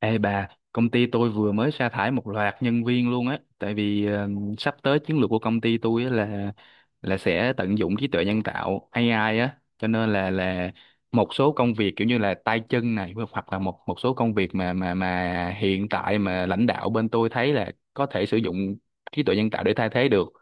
Ê bà, công ty tôi vừa mới sa thải một loạt nhân viên luôn á, tại vì sắp tới chiến lược của công ty tôi á là sẽ tận dụng trí tuệ nhân tạo AI á, cho nên là một số công việc kiểu như là tay chân này hoặc hoặc là một một số công việc mà mà hiện tại mà lãnh đạo bên tôi thấy là có thể sử dụng trí tuệ nhân tạo để thay thế được.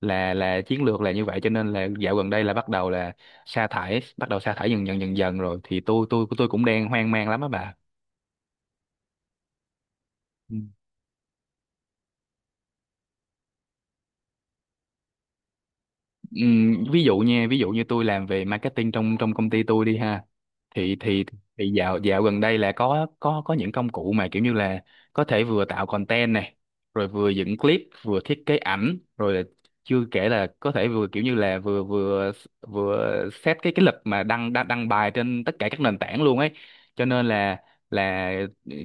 Là chiến lược là như vậy, cho nên là dạo gần đây là bắt đầu là sa thải dần dần dần dần rồi thì tôi cũng đang hoang mang lắm á bà. Ừ. Ví dụ nha, ví dụ như tôi làm về marketing trong trong công ty tôi đi ha, thì thì thì dạo dạo gần đây là có những công cụ mà kiểu như là có thể vừa tạo content này rồi vừa dựng clip vừa thiết kế ảnh, rồi là chưa kể là có thể vừa kiểu như là vừa vừa vừa set cái lịch mà đăng đăng đăng bài trên tất cả các nền tảng luôn ấy. Cho nên là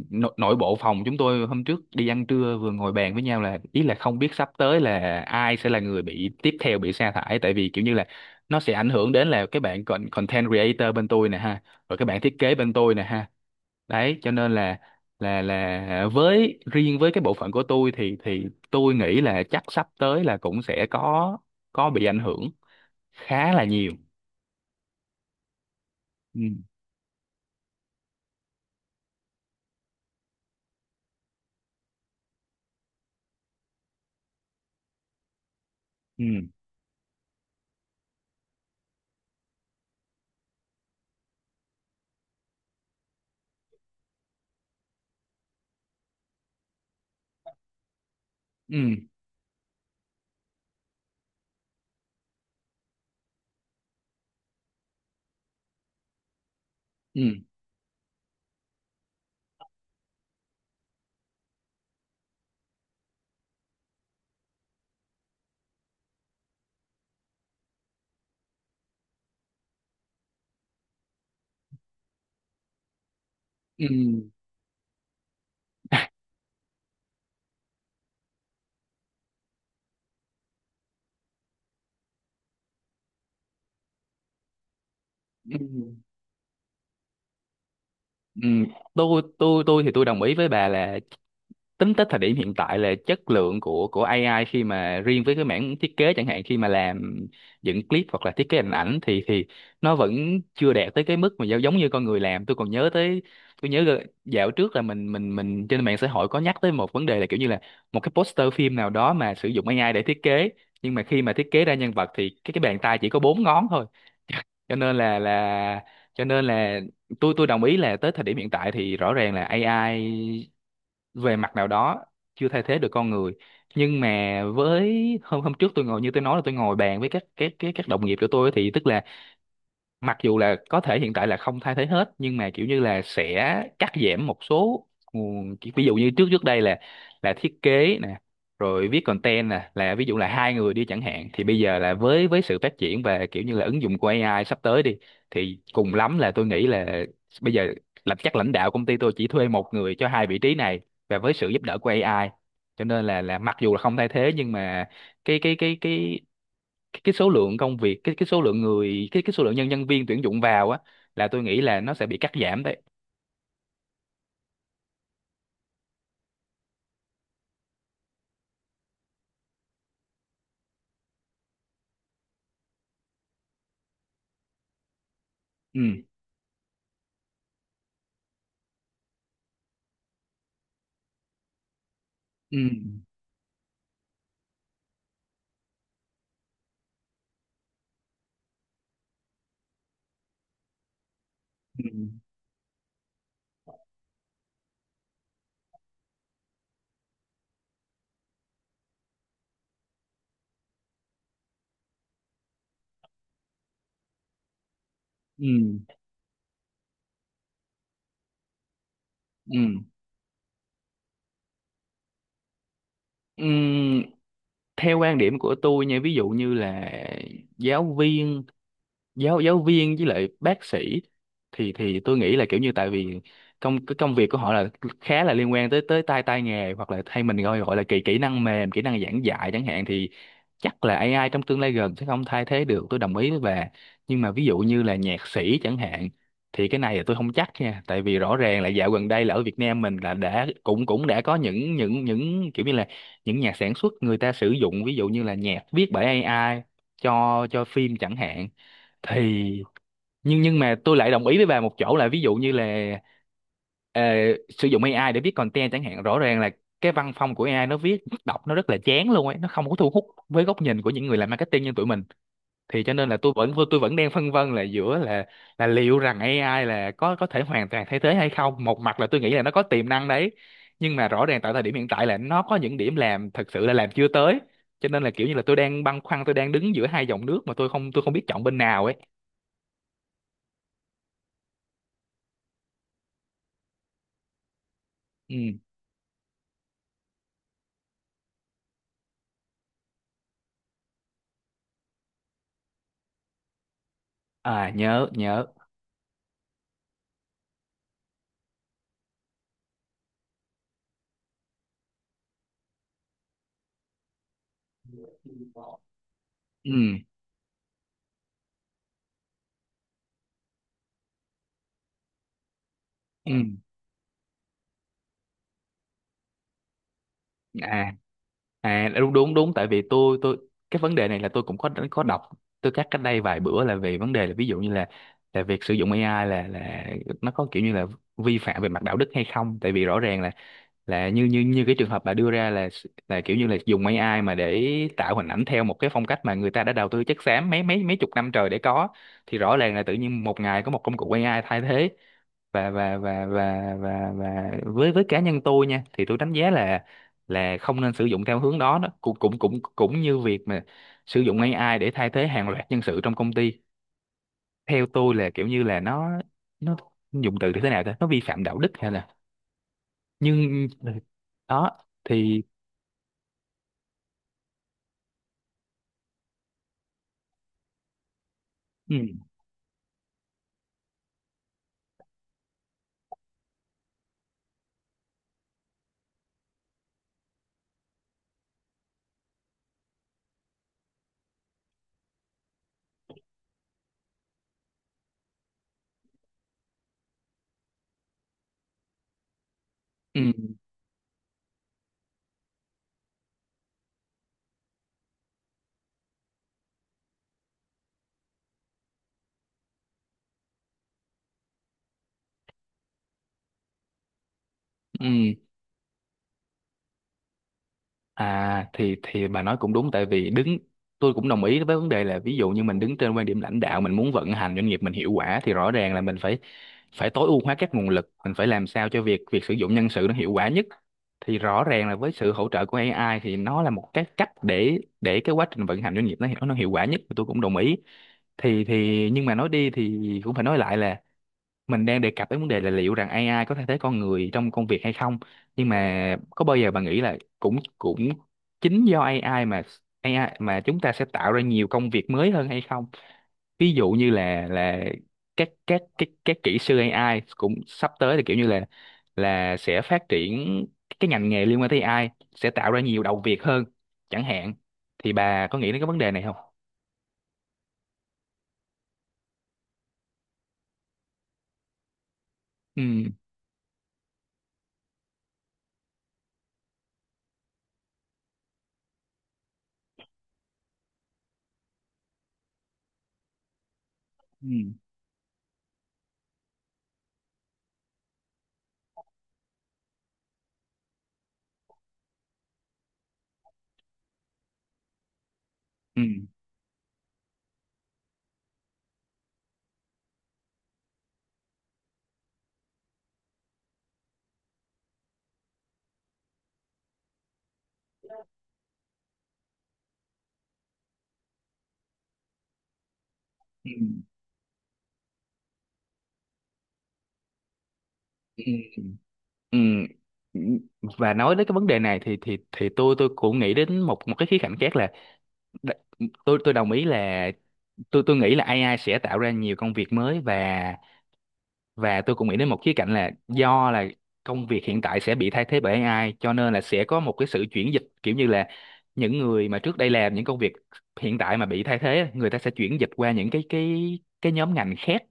nội, nội bộ phòng chúng tôi hôm trước đi ăn trưa vừa ngồi bàn với nhau là ý là không biết sắp tới là ai sẽ là người bị tiếp theo bị sa thải, tại vì kiểu như là nó sẽ ảnh hưởng đến là cái bạn content creator bên tôi nè ha, rồi cái bạn thiết kế bên tôi nè ha, đấy cho nên là là với riêng với cái bộ phận của tôi thì tôi nghĩ là chắc sắp tới là cũng sẽ có bị ảnh hưởng khá là nhiều. Ừ ừ ừ ừ ừ ừ Ừ, tôi thì tôi đồng ý với bà là tính tới thời điểm hiện tại là chất lượng của AI khi mà riêng với cái mảng thiết kế chẳng hạn, khi mà làm dựng clip hoặc là thiết kế hình ảnh thì nó vẫn chưa đạt tới cái mức mà giống như con người làm. Tôi còn nhớ tới, tôi nhớ dạo trước là mình mình trên mạng xã hội có nhắc tới một vấn đề là kiểu như là một cái poster phim nào đó mà sử dụng AI để thiết kế, nhưng mà khi mà thiết kế ra nhân vật thì cái bàn tay chỉ có bốn ngón thôi. Cho nên là tôi đồng ý là tới thời điểm hiện tại thì rõ ràng là AI về mặt nào đó chưa thay thế được con người. Nhưng mà với hôm hôm trước tôi ngồi, như tôi nói là tôi ngồi bàn với các đồng nghiệp của tôi, thì tức là mặc dù là có thể hiện tại là không thay thế hết, nhưng mà kiểu như là sẽ cắt giảm một số ví dụ như trước trước đây là thiết kế nè, rồi viết content nè, là ví dụ là hai người đi chẳng hạn, thì bây giờ là với sự phát triển và kiểu như là ứng dụng của AI sắp tới đi, thì cùng lắm là tôi nghĩ là bây giờ là chắc lãnh đạo công ty tôi chỉ thuê một người cho hai vị trí này và với sự giúp đỡ của AI. Cho nên là mặc dù là không thay thế, nhưng mà cái cái cái cái cái số lượng công việc, cái số lượng người, cái số lượng nhân nhân viên tuyển dụng vào á, là tôi nghĩ là nó sẽ bị cắt giảm đấy. Ừ ừ ừ ừ ừ Ừm, theo quan điểm của tôi nha, ví dụ như là giáo viên, giáo giáo viên với lại bác sĩ, thì tôi nghĩ là kiểu như, tại vì cái công việc của họ là khá là liên quan tới tới tay tay nghề, hoặc là hay mình gọi gọi là kỹ kỹ năng mềm, kỹ năng giảng dạy chẳng hạn, thì chắc là AI trong tương lai gần sẽ không thay thế được, tôi đồng ý với. Nhưng mà ví dụ như là nhạc sĩ chẳng hạn, thì cái này là tôi không chắc nha, tại vì rõ ràng là dạo gần đây là ở Việt Nam mình là đã cũng cũng đã có những kiểu như là những nhà sản xuất, người ta sử dụng ví dụ như là nhạc viết bởi AI cho phim chẳng hạn, thì nhưng mà tôi lại đồng ý với bà một chỗ là ví dụ như là ờ, sử dụng AI để viết content chẳng hạn, rõ ràng là cái văn phong của AI nó viết đọc nó rất là chán luôn ấy, nó không có thu hút với góc nhìn của những người làm marketing như tụi mình. Thì cho nên là tôi vẫn đang phân vân là giữa là liệu rằng AI là có thể hoàn toàn thay thế hay không. Một mặt là tôi nghĩ là nó có tiềm năng đấy, nhưng mà rõ ràng tại thời điểm hiện tại là nó có những điểm làm thật sự là làm chưa tới, cho nên là kiểu như là tôi đang đứng giữa hai dòng nước mà tôi không biết chọn bên nào ấy. Ừ. À, nhớ nhớ. Ừ. Ừ. À, à đúng đúng đúng, tại vì tôi cái vấn đề này là tôi cũng có đọc, tôi cắt cách đây vài bữa là về vấn đề là ví dụ như là việc sử dụng AI là nó có kiểu như là vi phạm về mặt đạo đức hay không. Tại vì rõ ràng là như như như cái trường hợp bà đưa ra là kiểu như là dùng AI mà để tạo hình ảnh theo một cái phong cách mà người ta đã đầu tư chất xám mấy mấy mấy chục năm trời để có, thì rõ ràng là tự nhiên một ngày có một công cụ AI thay thế. Và với cá nhân tôi nha, thì tôi đánh giá là không nên sử dụng theo hướng đó. Đó cũng cũng như việc mà sử dụng AI để thay thế hàng loạt nhân sự trong công ty, theo tôi là kiểu như là nó nó dùng từ thì thế nào ta, nó vi phạm đạo đức hay là. Nhưng đó thì. Ừ, ừ, ừ. À thì bà nói cũng đúng, tại vì đứng, tôi cũng đồng ý với vấn đề là ví dụ như mình đứng trên quan điểm lãnh đạo, mình muốn vận hành doanh nghiệp mình hiệu quả, thì rõ ràng là mình phải phải tối ưu hóa các nguồn lực, mình phải làm sao cho việc việc sử dụng nhân sự nó hiệu quả nhất. Thì rõ ràng là với sự hỗ trợ của AI thì nó là một cái cách để cái quá trình vận hành doanh nghiệp nó hiệu quả nhất, tôi cũng đồng ý. Thì nhưng mà nói đi thì cũng phải nói lại là mình đang đề cập đến vấn đề là liệu rằng AI có thay thế con người trong công việc hay không, nhưng mà có bao giờ bạn nghĩ là cũng cũng chính do AI mà chúng ta sẽ tạo ra nhiều công việc mới hơn hay không. Ví dụ như là các kỹ sư AI cũng sắp tới là kiểu như là sẽ phát triển cái ngành nghề liên quan tới AI, sẽ tạo ra nhiều đầu việc hơn chẳng hạn. Thì bà có nghĩ đến cái vấn đề này không? Ừ ừ ừ ừ ừ Ừ, và nói đến cái vấn đề này thì tôi cũng nghĩ đến một một cái khía cạnh khác là đ- tôi đồng ý là tôi nghĩ là AI sẽ tạo ra nhiều công việc mới. Và tôi cũng nghĩ đến một khía cạnh là do là công việc hiện tại sẽ bị thay thế bởi AI, cho nên là sẽ có một cái sự chuyển dịch kiểu như là những người mà trước đây làm những công việc hiện tại mà bị thay thế, người ta sẽ chuyển dịch qua những cái nhóm ngành khác,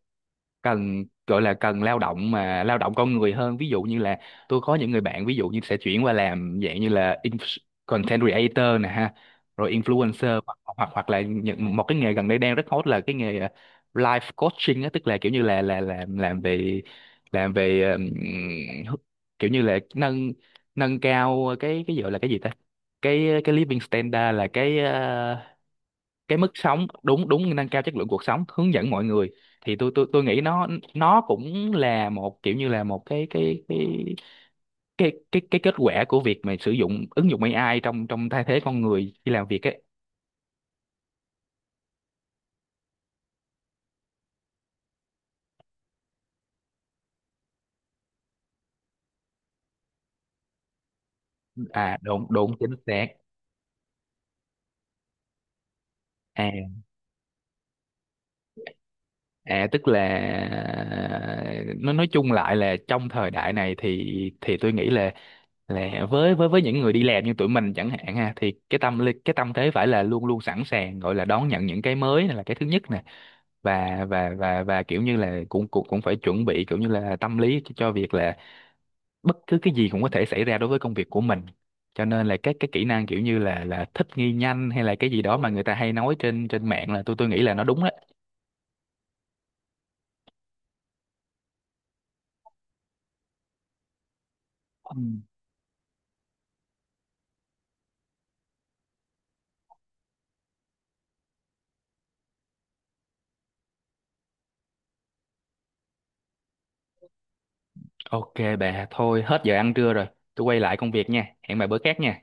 cần gọi là cần lao động mà lao động con người hơn. Ví dụ như là tôi có những người bạn ví dụ như sẽ chuyển qua làm dạng như là content creator nè ha, rồi influencer, hoặc hoặc hoặc là những, một cái nghề gần đây đang rất hot là cái nghề life coaching á, tức là kiểu như là làm về làm về kiểu như là nâng nâng cao cái gọi là cái gì ta, cái living standard, là cái cái mức sống, đúng đúng, nâng cao chất lượng cuộc sống, hướng dẫn mọi người. Thì tôi tôi nghĩ nó cũng là một kiểu như là một cái kết quả của việc mà sử dụng ứng dụng AI trong trong thay thế con người khi làm việc ấy. À đúng đúng chính xác. À, tức là nó nói chung lại là trong thời đại này thì tôi nghĩ là với những người đi làm như tụi mình chẳng hạn ha, thì cái tâm lý, cái tâm thế phải là luôn luôn sẵn sàng, gọi là đón nhận những cái mới này là cái thứ nhất nè. Và kiểu như là cũng cũng cũng phải chuẩn bị kiểu như là tâm lý cho việc là bất cứ cái gì cũng có thể xảy ra đối với công việc của mình. Cho nên là các cái kỹ năng kiểu như là thích nghi nhanh, hay là cái gì đó mà người ta hay nói trên trên mạng là, tôi nghĩ là nó đúng đấy. Ừ. Ok bà, thôi hết giờ ăn trưa rồi, tôi quay lại công việc nha, hẹn bà bữa khác nha.